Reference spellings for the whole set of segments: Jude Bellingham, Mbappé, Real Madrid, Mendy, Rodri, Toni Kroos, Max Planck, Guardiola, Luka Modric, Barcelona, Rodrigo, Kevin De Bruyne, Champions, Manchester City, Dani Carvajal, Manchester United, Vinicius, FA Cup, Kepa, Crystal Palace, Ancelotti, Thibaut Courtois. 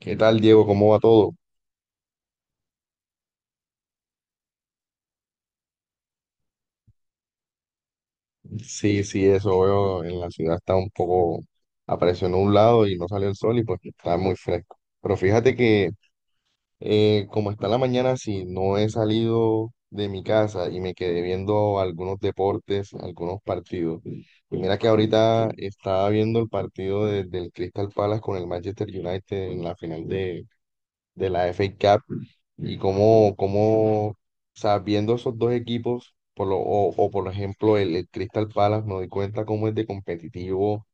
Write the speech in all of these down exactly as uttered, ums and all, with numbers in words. ¿Qué tal, Diego? ¿Cómo va todo? Sí, sí, eso veo. En la ciudad está un poco, apareció nublado y no salió el sol y pues está muy fresco. Pero fíjate que eh, como está la mañana, si no he salido de mi casa y me quedé viendo algunos deportes, algunos partidos. Y mira que ahorita estaba viendo el partido de- del Crystal Palace con el Manchester United en la final de, de la F A Cup. Y cómo, cómo, o sea, viendo esos dos equipos, por lo, o, o por ejemplo el, el Crystal Palace, me doy cuenta cómo es de competitivo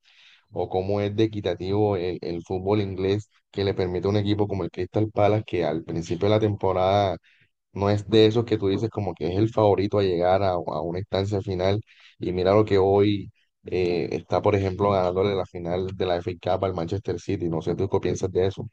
o cómo es de equitativo el, el fútbol inglés que le permite a un equipo como el Crystal Palace, que al principio de la temporada no es de esos que tú dices como que es el favorito a llegar a, a una instancia final. Y mira lo que hoy eh, está, por ejemplo, ganándole la final de la F A Cup al Manchester City. No sé tú qué piensas de eso.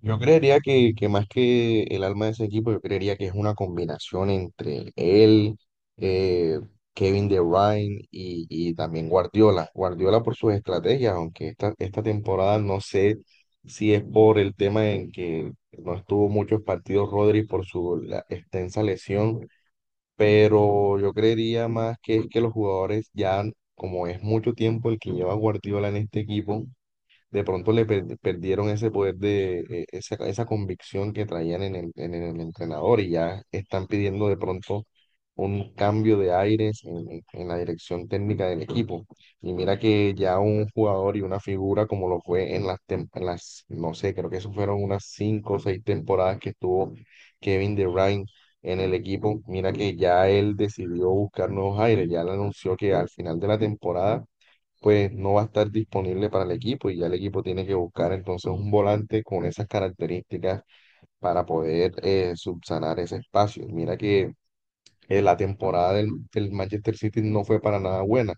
Yo creería que, que más que el alma de ese equipo, yo creería que es una combinación entre él, eh, Kevin De Bruyne y, y también Guardiola. Guardiola por sus estrategias, aunque esta, esta temporada no sé si es por el tema en que no estuvo muchos partidos Rodri por su la- extensa lesión, pero yo creería más que es que los jugadores ya, como es mucho tiempo el que lleva Guardiola en este equipo, de pronto le per- perdieron ese poder de eh, esa, esa convicción que traían en el, en el entrenador y ya están pidiendo de pronto un cambio de aires en, en- en la dirección técnica del equipo. Y mira que ya un jugador y una figura como lo fue en las, tem- en las, no sé, creo que eso fueron unas cinco o seis temporadas que estuvo Kevin De Bruyne en el equipo, mira que ya él decidió buscar nuevos aires, ya le anunció que al final de la temporada pues no va a estar disponible para el equipo y ya el equipo tiene que buscar entonces un volante con esas características para poder eh, subsanar ese espacio. Mira que eh, la temporada del, del Manchester City no fue para nada buena.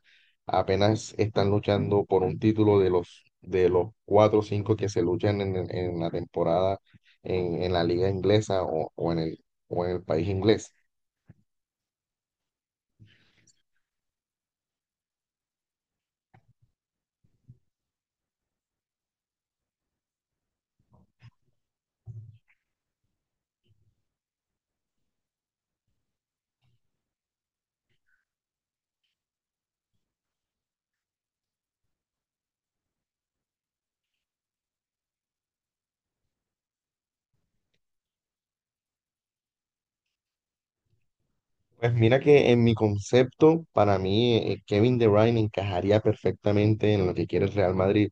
Apenas están luchando por un título de los, de los cuatro o cinco que se luchan en, en- en la temporada en, en la liga inglesa o, o en el, o en el país inglés. Pues mira que en mi concepto, para mí, eh, Kevin De Bruyne encajaría perfectamente en lo que quiere el Real Madrid.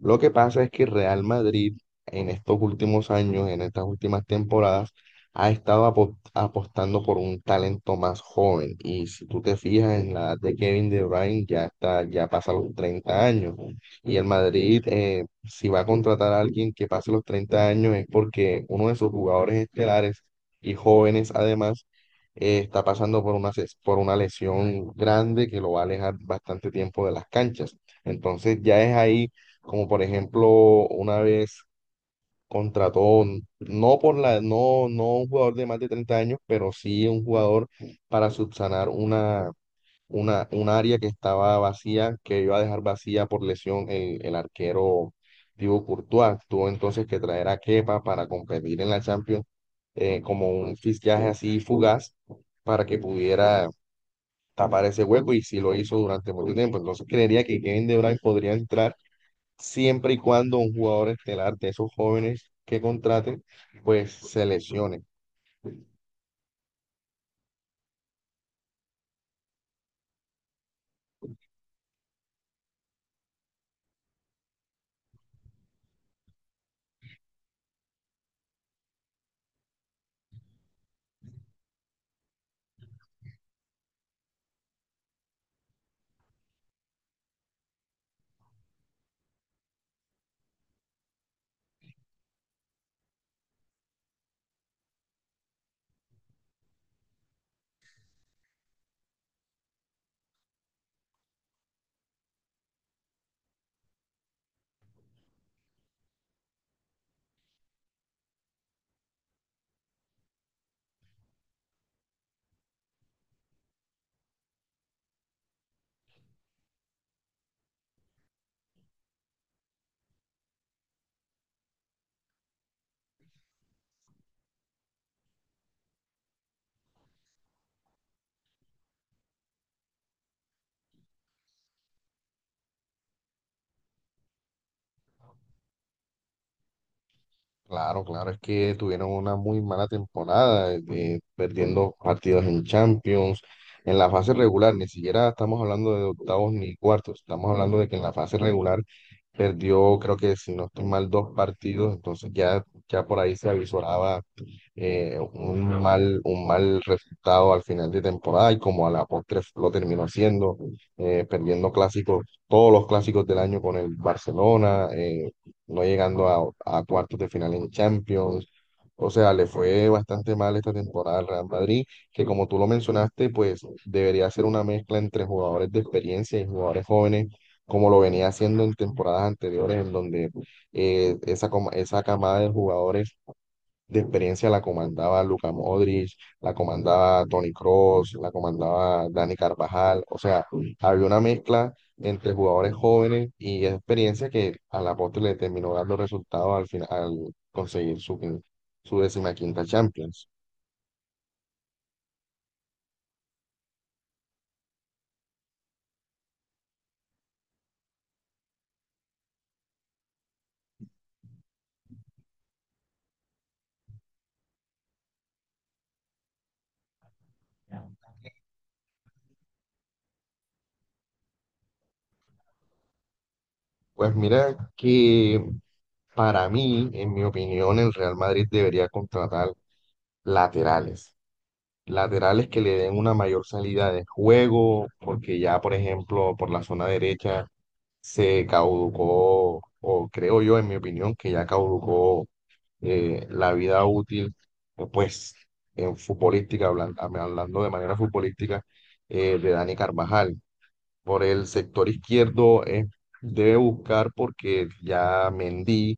Lo que pasa es que el Real Madrid en estos últimos años, en estas últimas temporadas, ha estado apo- apostando por un talento más joven. Y si tú te fijas en la edad de Kevin De Bruyne, ya está, ya pasa los treinta años. Y el Madrid, eh, si va a contratar a alguien que pase los treinta años, es porque uno de sus jugadores estelares y jóvenes además eh, está pasando por una, ses- por una lesión grande que lo va a alejar bastante tiempo de las canchas. Entonces ya es ahí, como por ejemplo, una vez contrató, no por la, no, no un jugador de más de treinta años, pero sí un jugador para subsanar una, una, un área que estaba vacía, que iba a dejar vacía por lesión el, el arquero Thibaut Courtois. Tuvo entonces que traer a Kepa para competir en la Champions eh, como un fichaje así fugaz para que pudiera tapar ese hueco y si lo hizo durante mucho tiempo. Entonces creería que Kevin De Bruyne podría entrar siempre y cuando un jugador estelar de esos jóvenes que contraten pues se lesione. Claro, claro, es que tuvieron una muy mala temporada, eh, perdiendo partidos en Champions, en la fase regular, ni siquiera estamos hablando de octavos ni cuartos, estamos hablando de que en la fase regular perdió, creo que si no estoy mal, dos partidos, entonces ya, ya por ahí se avisoraba eh, un mal, un mal resultado al final de temporada y como a la postre lo terminó haciendo, eh, perdiendo clásicos, todos los clásicos del año con el Barcelona, eh, no llegando a, a cuartos de final en Champions. O sea, le fue bastante mal esta temporada al Real Madrid, que como tú lo mencionaste, pues debería ser una mezcla entre jugadores de experiencia y jugadores jóvenes, como lo venía haciendo en temporadas anteriores, en donde eh, esa, coma- esa camada de jugadores de experiencia la comandaba Luka Modric, la comandaba Toni Kroos, la comandaba Dani Carvajal, o sea, había una mezcla entre jugadores jóvenes y experiencia que a la postre le terminó dando resultados al final, al conseguir su, quin- su decimaquinta Champions. Pues mira que para mí, en mi opinión, el Real Madrid debería contratar laterales. Laterales que le den una mayor salida de juego, porque ya, por ejemplo, por la zona derecha se caducó, o creo yo, en mi opinión, que ya caducó eh, la vida útil, eh, pues, en futbolística, hablan- hab- hablando de manera futbolística, eh, de Dani Carvajal. Por el sector izquierdo eh, debe buscar porque ya Mendy,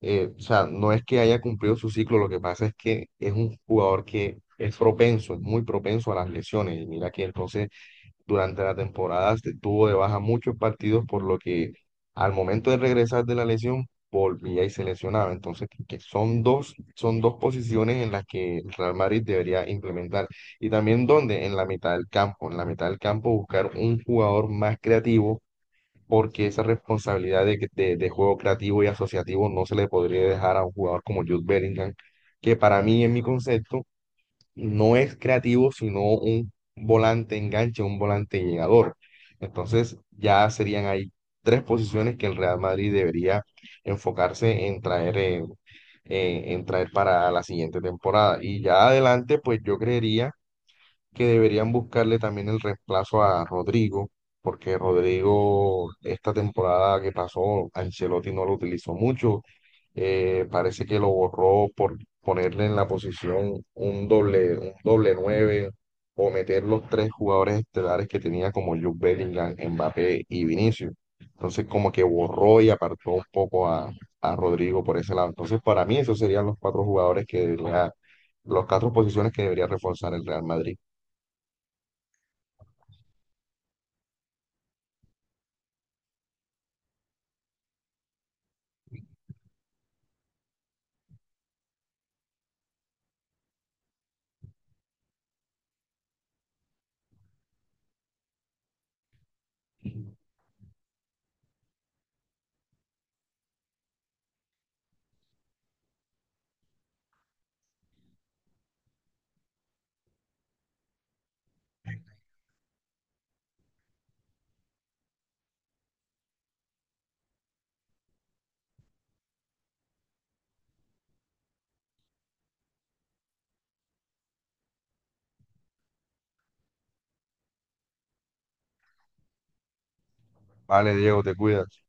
eh, o sea, no es que haya cumplido su ciclo, lo que pasa es que es un jugador que es propenso, es muy propenso a las lesiones, y mira que entonces durante la temporada se tuvo de baja muchos partidos, por lo que al momento de regresar de la lesión volvía y se lesionaba. Entonces, que son dos, son dos posiciones en las que el Real Madrid debería implementar. Y también donde, en la mitad del campo, en la mitad del campo buscar un jugador más creativo, porque esa responsabilidad de, de, de juego creativo y asociativo no se le podría dejar a un jugador como Jude Bellingham, que para mí, en mi concepto, no es creativo, sino un volante enganche, un volante llegador. Entonces, ya serían ahí tres posiciones que el Real Madrid debería enfocarse en traer, eh, eh, en traer para la siguiente temporada. Y ya adelante, pues yo creería que deberían buscarle también el reemplazo a Rodrigo, porque Rodrigo esta temporada que pasó, Ancelotti no lo utilizó mucho, eh, parece que lo borró por ponerle en la posición un doble, un doble nueve o meter los tres jugadores estelares que tenía como Jude Bellingham, Mbappé y Vinicius. Entonces como que borró y apartó un poco a, a Rodrigo por ese lado. Entonces para mí esos serían los cuatro jugadores que debería, los cuatro posiciones que debería reforzar el Real Madrid. Vale, Diego, te cuidas.